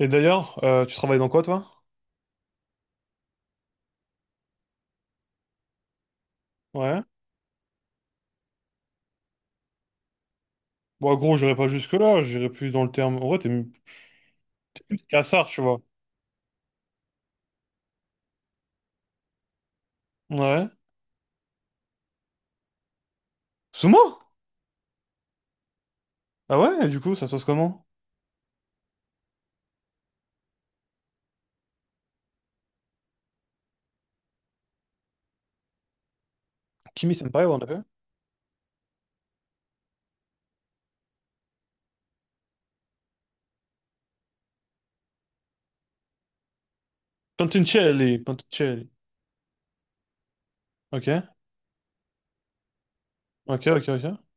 Et d'ailleurs, tu travailles dans quoi, toi? Ouais. Bon, gros, j'irai pas jusque-là, j'irai plus dans le terme. En vrai, t'es plus cassard, tu vois. Ouais. Sumo? Ah ouais, et du coup, ça se passe comment? Kimi Senpai, on appelle? Pantincelli, Pantincelli. Ok, ok, ok, ok.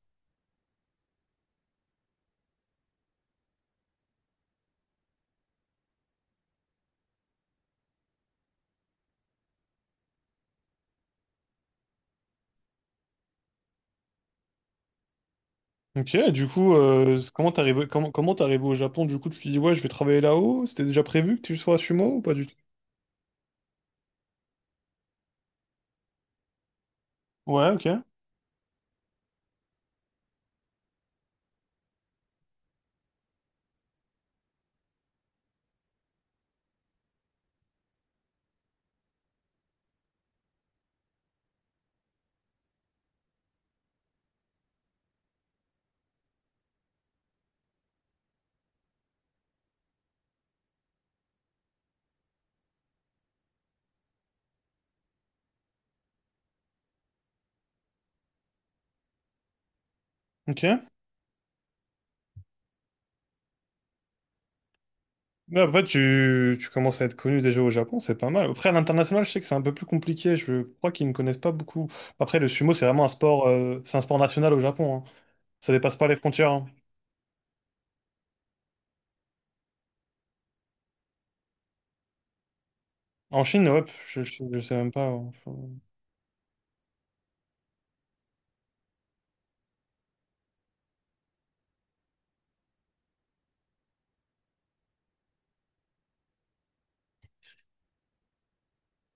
Ok, du coup, comment t'es arrivé, comment t'es arrivé au Japon? Du coup, tu te dis, ouais, je vais travailler là-haut. C'était déjà prévu que tu sois à Sumo ou pas du tout? Ouais, ok, ok. Mais après, tu commences à être connu déjà au Japon, c'est pas mal. Après, à l'international, je sais que c'est un peu plus compliqué. Je crois qu'ils ne connaissent pas beaucoup. Après, le sumo, c'est vraiment c'est un sport national au Japon, hein. Ça dépasse pas les frontières, hein. En Chine, ouais, je sais même pas, hein.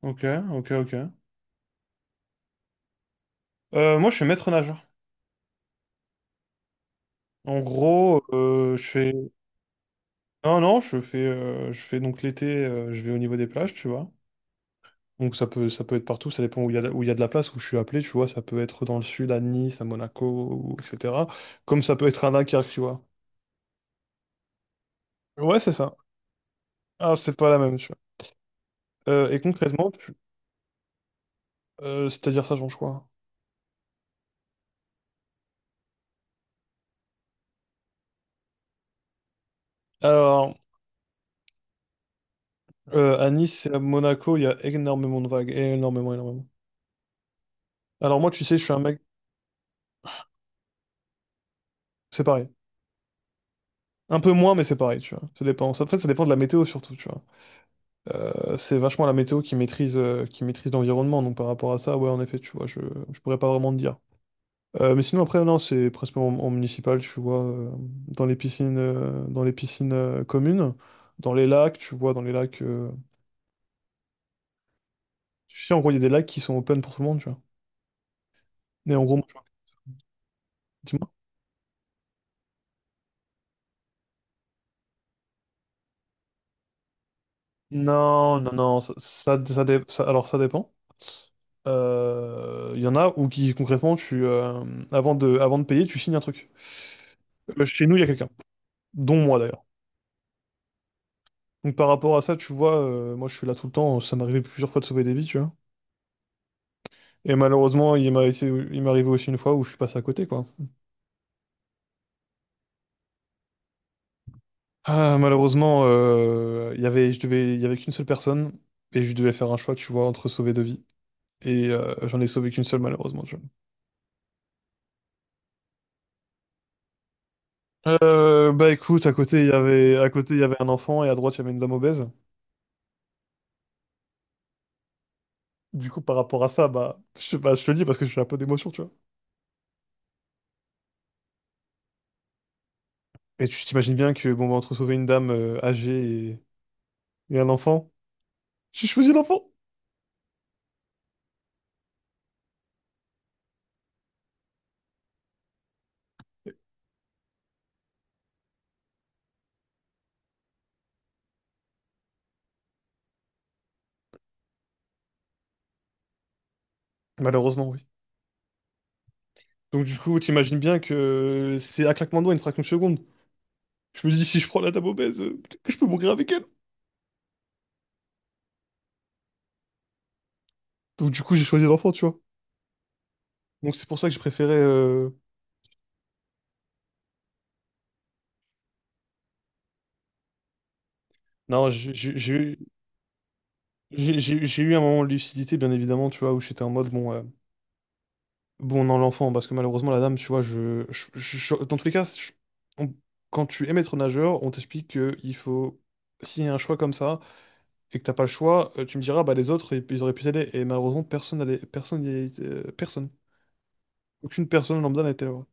Ok, ok, ok. Moi, je suis maître nageur. En gros, je fais. Non, non, je fais donc l'été, je vais au niveau des plages, tu vois. Donc ça peut être partout, ça dépend où il y a, où il y a de la place, où je suis appelé, tu vois, ça peut être dans le sud, à Nice, à Monaco, ou, etc. Comme ça peut être à Dunkerque, tu vois. Ouais, c'est ça. Alors, c'est pas la même, tu vois. Et concrètement, c'est-à-dire ça change quoi? Alors, à Nice et à Monaco, il y a énormément de vagues, énormément, énormément. Alors moi, tu sais, je suis un mec, c'est pareil. Un peu moins, mais c'est pareil, tu vois. Ça dépend. Ça, en fait, ça dépend de la météo surtout, tu vois. C'est vachement la météo qui maîtrise l'environnement. Donc par rapport à ça, ouais, en effet, tu vois, je pourrais pas vraiment te dire. Mais sinon, après, non, c'est principalement en municipal, tu vois, dans les piscines communes, dans les lacs, tu vois, dans les lacs. Tu sais, en gros, il y a des lacs qui sont open pour tout le monde, tu vois. Et en gros, moi, tu vois, dis-moi. Non, non, non, alors ça dépend. Il y en a où qui, concrètement, avant de payer, tu signes un truc. Chez nous, il y a quelqu'un, dont moi d'ailleurs. Donc par rapport à ça, tu vois, moi je suis là tout le temps, ça m'est arrivé plusieurs fois de sauver des vies, tu vois. Et malheureusement, il m'est arrivé aussi une fois où je suis passé à côté, quoi. Ah, malheureusement, il y avait qu'une seule personne et je devais faire un choix, tu vois, entre sauver deux vies. Et j'en ai sauvé qu'une seule, malheureusement, tu vois. Bah écoute, à côté, il y avait un enfant et à droite, il y avait une dame obèse. Du coup, par rapport à ça, bah, je te le dis parce que j'ai un peu d'émotion, tu vois. Et tu t'imagines bien que, bon, bah, entre sauver une dame âgée et un enfant, j'ai choisi l'enfant. Malheureusement, oui. Donc du coup, t'imagines bien que c'est un claquement de doigts, une fraction de seconde. Je me dis, si je prends la dame obèse, peut-être que je peux mourir avec elle. Donc du coup, j'ai choisi l'enfant, tu vois. Donc c'est pour ça que je préférais. Non, j'ai eu un moment de lucidité, bien évidemment, tu vois, où j'étais en mode, bon, bon, non, l'enfant, parce que malheureusement, la dame, tu vois, dans tous les cas, on- quand tu es maître nageur, on t'explique que il faut... S'il y a un choix comme ça, et que t'as pas le choix, tu me diras, bah les autres, ils auraient pu t'aider. Et malheureusement, personne n'allait... Personne... personne. Aucune personne lambda n'a été là. Ouais.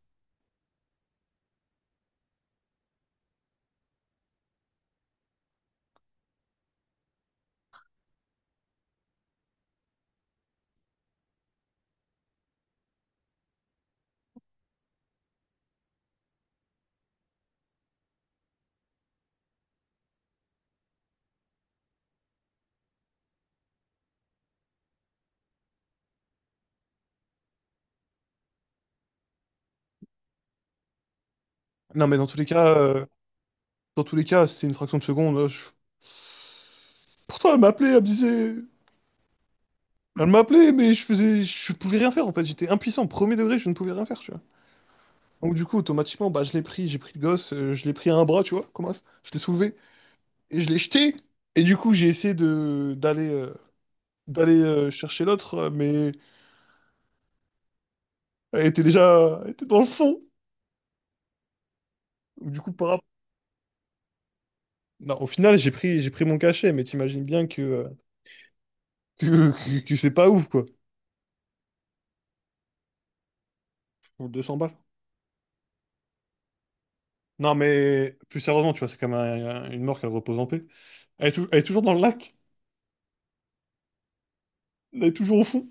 Non, mais dans tous les cas... Dans tous les cas, c'était une fraction de seconde. Pourtant, elle m'appelait, elle me disait... Elle m'appelait, mais je pouvais rien faire en fait. J'étais impuissant, premier degré, je ne pouvais rien faire, tu vois. Donc du coup, automatiquement, bah, j'ai pris le gosse, je l'ai pris à un bras, tu vois, comment ça. Je l'ai soulevé et je l'ai jeté. Et du coup, j'ai essayé de d'aller d'aller chercher l'autre, mais elle était dans le fond. Du coup, non, au final, j'ai pris mon cachet, mais t'imagines bien que que c'est pas ouf quoi. Pour 200 balles. Non, mais plus sérieusement, tu vois, c'est quand même une mort qu'elle repose en paix. Elle est toujours dans le lac. Elle est toujours au fond.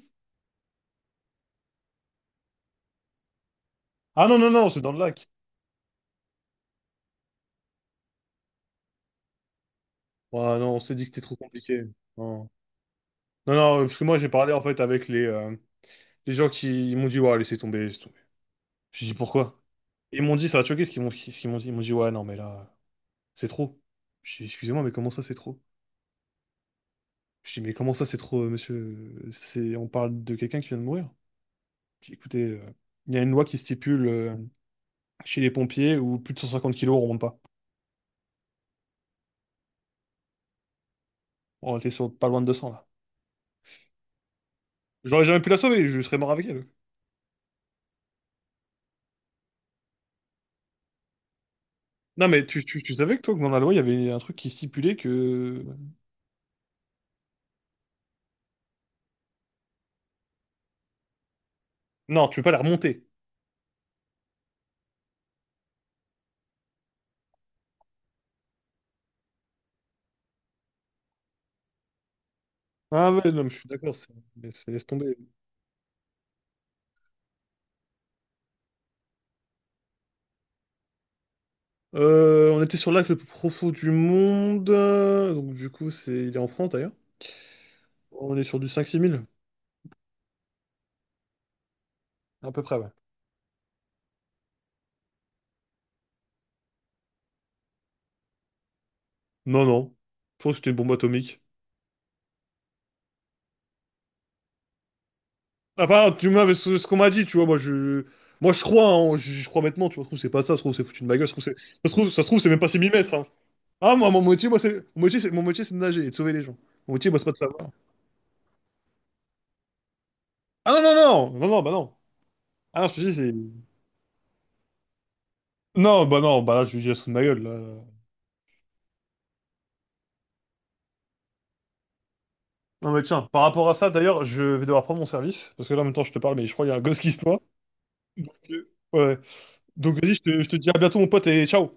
Ah non, non, non, c'est dans le lac. Ouais, non, on s'est dit que c'était trop compliqué. Non, non, non, parce que moi j'ai parlé en fait avec les gens qui ils m'ont dit, ouais, laissez tomber, laissez tomber. J'ai dit pourquoi? Ils m'ont dit, ça va te choquer ce qu'ils m'ont dit. Ils m'ont dit, ouais, non, mais là, c'est trop. Je dis, excusez-moi, mais comment ça c'est trop? Je dis, mais comment ça c'est trop, monsieur? C'est, on parle de quelqu'un qui vient de mourir. Je dis, écoutez, il y a une loi qui stipule chez les pompiers où plus de 150 kilos, on remonte pas. On était sur pas loin de 200 là. J'aurais jamais pu la sauver, je serais mort avec elle. Non, mais tu savais que toi, que dans la loi, il y avait un truc qui stipulait que... Non, tu peux pas la remonter. Ah ouais, non, mais je suis d'accord, c'est... mais laisse tomber. On était sur l'acte le plus profond du monde, donc du coup, c'est... il est en France, d'ailleurs. On est sur du cinq six mille à peu près, ouais. Non, non, je pense que c'était une bombe atomique. Enfin, tu m'as... Ce qu'on m'a dit, tu vois, moi, je... Moi, je crois, hein, je crois maintenant, tu vois, ça se trouve, c'est pas ça, ça se trouve, c'est foutu de ma gueule, ça se trouve, c'est... ça se trouve, c'est même pas six 000 mètres, hein. Ah, moi, mon métier, moi, c'est... Mon métier, c'est de nager et de sauver les gens. Mon métier, moi, c'est pas de savoir. Ah non, non, non, non, non, bah non. Ah non, je te dis, c'est... Non, bah non, bah là, je lui dis, elle se fout de ma gueule, là. Non, mais tiens, par rapport à ça, d'ailleurs, je vais devoir prendre mon service, parce que là, en même temps, je te parle, mais je crois qu'il y a un gosse qui se noie. Donc, ouais. Donc, vas-y, je te dis à bientôt, mon pote, et ciao!